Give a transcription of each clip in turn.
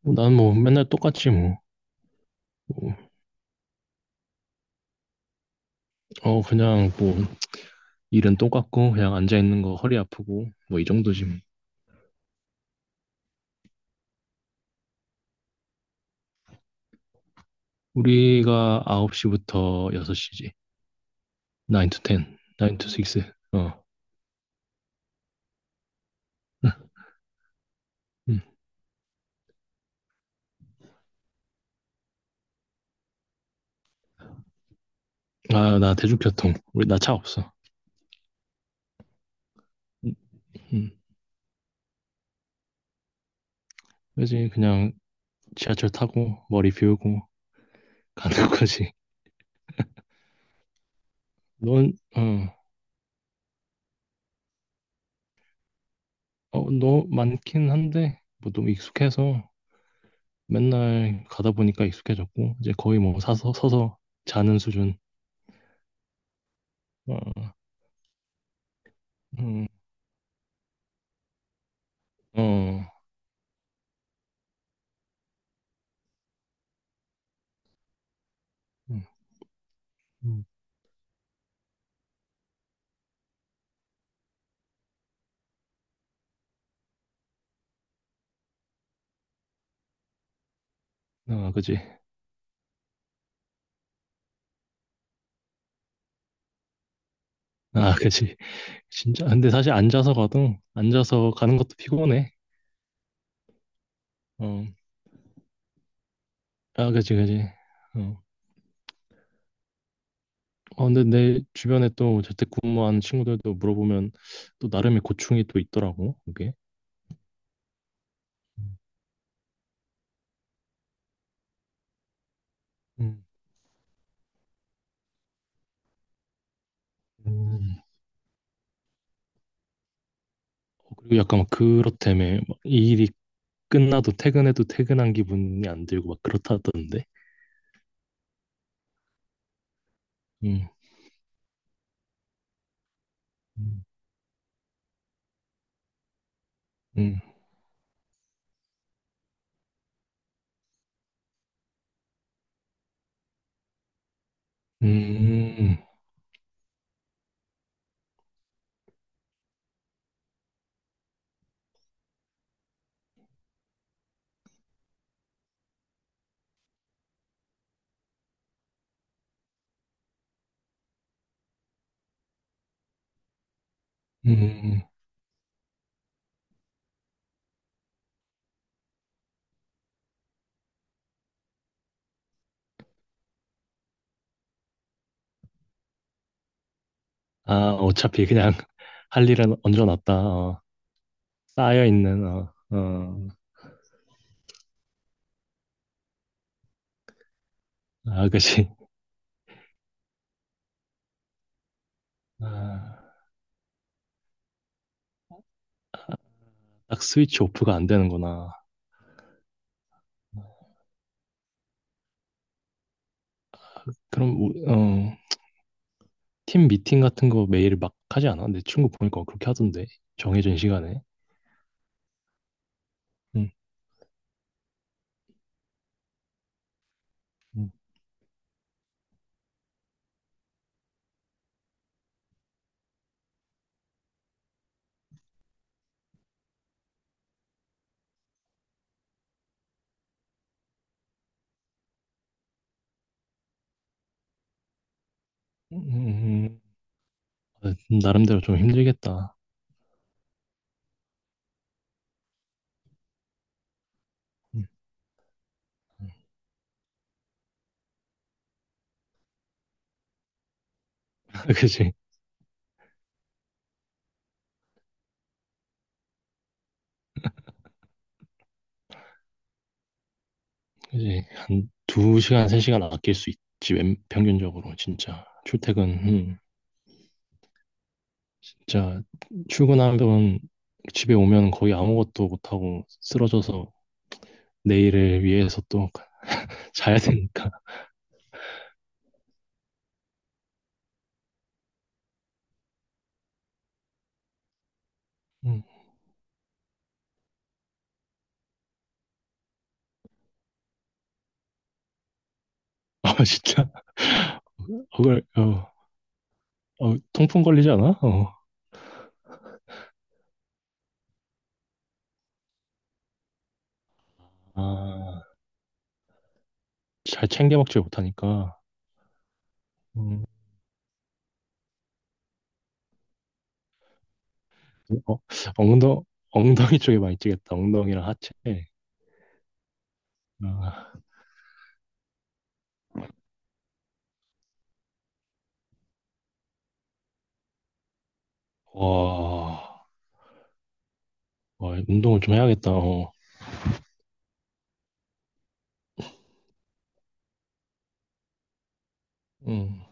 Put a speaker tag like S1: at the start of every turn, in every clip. S1: 뭐, 난뭐 맨날 똑같지 뭐. 뭐, 그냥 뭐 일은 똑같고 그냥 앉아 있는 거 허리 아프고 뭐 이 정도지 뭐. 우리가 9시부터 6시지. 9 to 10, 9 to 6. 어. 음. 아, 나 대중교통. 우리 나 차 없어. 음, 음. 그지 그냥 지하철 타고 머리 비우고 가는 거지. 넌, 어, 너 많긴 한데 뭐 너무 익숙해서 맨날 가다 보니까 익숙해졌고 이제 거의 뭐 사서 서서 자는 수준. 어. 음, 어, 음, 음. 아, 그지. 아, 그지. 진짜. 근데 사실 앉아서 가는 것도 피곤해. 어, 아, 그지, 그지. 어, 근데 내 주변에 또 재택근무하는 친구들도 물어보면 또 나름의 고충이 또 있더라고, 그게. 음. 음. 그리고 약간 막 그렇다며. 막이 일이 끝나도 퇴근해도 퇴근한 기분이 안 들고 막 그렇다던데. 음, 음. 음, 음, 음. 아, 어차피 그냥 할 일은 얹어놨다. 쌓여있는, 아, 그치. 아, 딱 스위치 오프가 안 되는구나. 그럼, 팀 미팅 같은 거 매일 막 하지 않아? 내 친구 보니까 그렇게 하던데. 정해진 시간에. 응, 응, 응, 응. 아, 나름대로 좀 힘들겠다. 응. 그치. 그치. 한 두시간세시간 아낄 수 있지. 평균적으로, 진짜. 출퇴근, 진짜, 출근하면 집에 오면 거의 아무것도 못하고 쓰러져서 내일을 위해서 또 자야 되니까. 음. 아, 진짜. 그걸, 어, 통풍 걸리지 않아? 어. 아, 잘 챙겨 먹지 못하니까. 음, 어, 엉덩, 엉덩이 쪽에 많이 찌겠다. 엉덩이랑 하체. 아, 와, 와, 운동을 좀 해야겠다. 어. 음.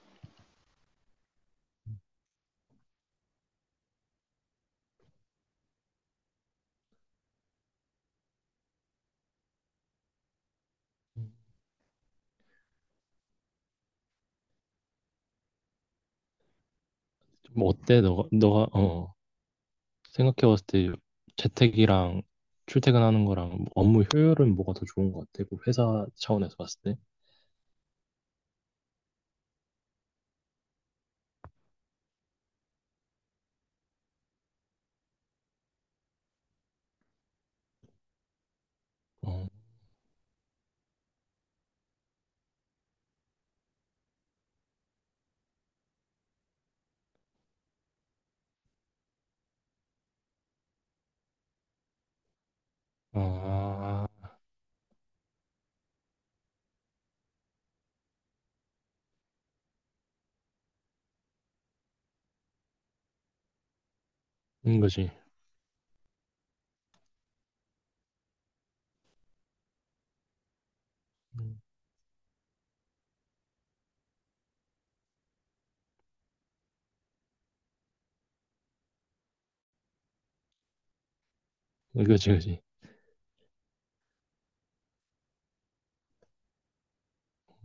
S1: 좀 어때? 너가 생각해봤을 때 재택이랑 출퇴근하는 거랑 뭐 업무 효율은 뭐가 더 좋은 것 같아? 그 회사 차원에서 봤을 때? 어, 아, 그런 거지. 음. 어, 그지, 그지.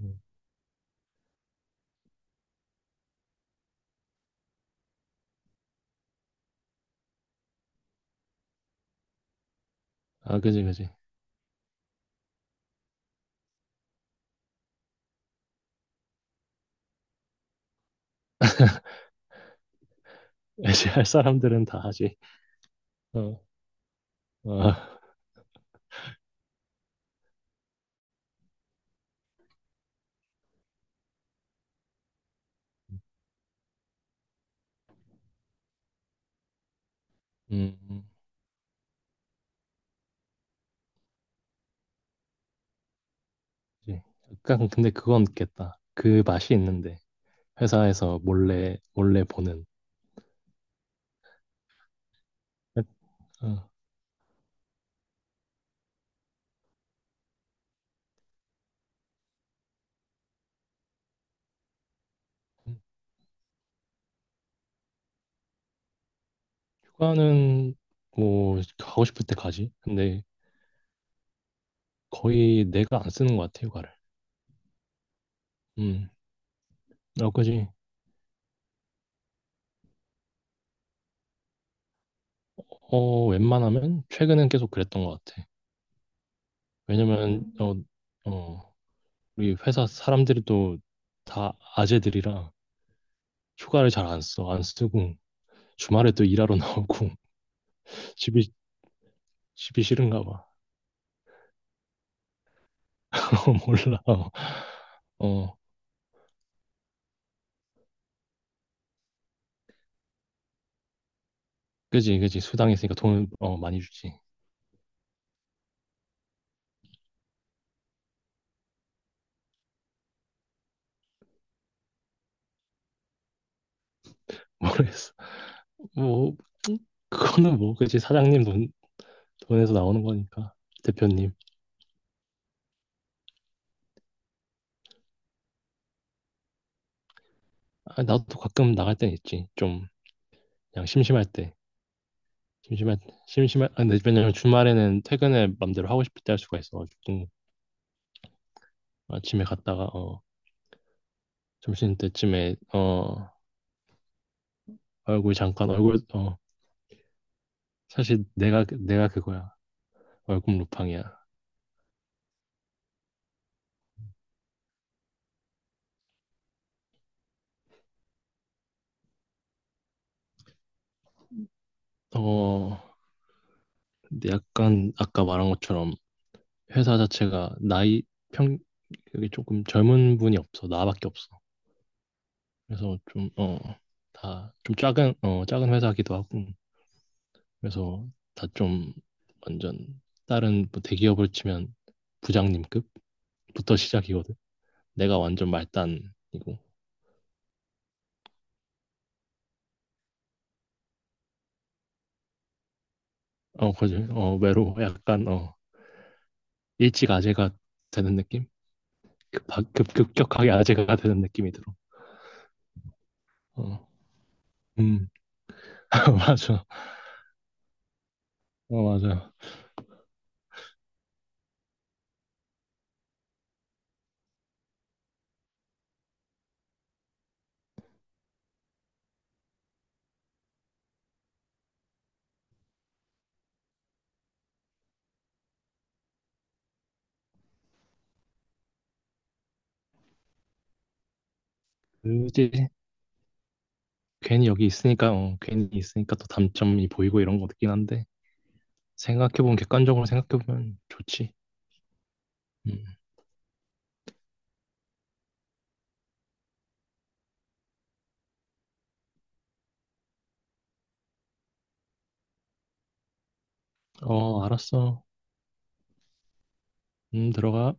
S1: 음. 아, 그지, 그지. 할 사람들은 다 하지. 어, 어, 음, 음. 그지. 약간, 근데 그건 있겠다. 그 맛이 있는데. 회사에서 몰래, 몰래 보는. 어. 음. 휴가는, 뭐, 가고 싶을 때 가지. 근데 거의 내가 안 쓰는 것 같아, 휴가를. 음, 어, 그지. 어, 웬만하면 최근엔 계속 그랬던 것 같아. 왜냐면, 어, 우리 회사 사람들이 또 다 아재들이라. 휴가를 잘 안 써. 안 쓰고 주말에 또 일하러 나오고 집이 집이 싫은가 봐. 어, 몰라. 어, 어, 그지 그지 수당 있으니까 돈 많이 주지. 모르겠어. 뭐 그거는 뭐 그지 사장님 돈 돈에서 나오는 거니까 대표님. 아, 나도 가끔 나갈 땐 있지. 좀 그냥 심심할 때. 심심할 심심할 아, 근데 왜냐면 주말에는 퇴근을 맘대로 하고 싶을 때 할 수가 있어가지고 아침에 갔다가 점심 때쯤에 얼굴 사실 내가 그거야. 월급 루팡이야. 어, 근데 약간 아까 말한 것처럼 회사 자체가 나이 평 그게 조금 젊은 분이 없어. 나밖에 없어. 그래서 좀 다 좀 작은 회사기도 하고. 그래서 다 좀 완전 다른 뭐 대기업을 치면 부장님급부터 시작이거든. 내가 완전 말단이고. 어, 그지. 어, 외로 약간 일찌감치가 되는 느낌? 급격하게 아재가 되는 느낌이 들어. 어, 음, 맞아. 어, 맞아. 그지? 괜히 여기 있으니까, 괜히 있으니까 또 단점이 보이고 이런 거 같긴 한데, 생각해보면, 객관적으로 생각해보면 좋지. 음, 어, 알았어. 들어가.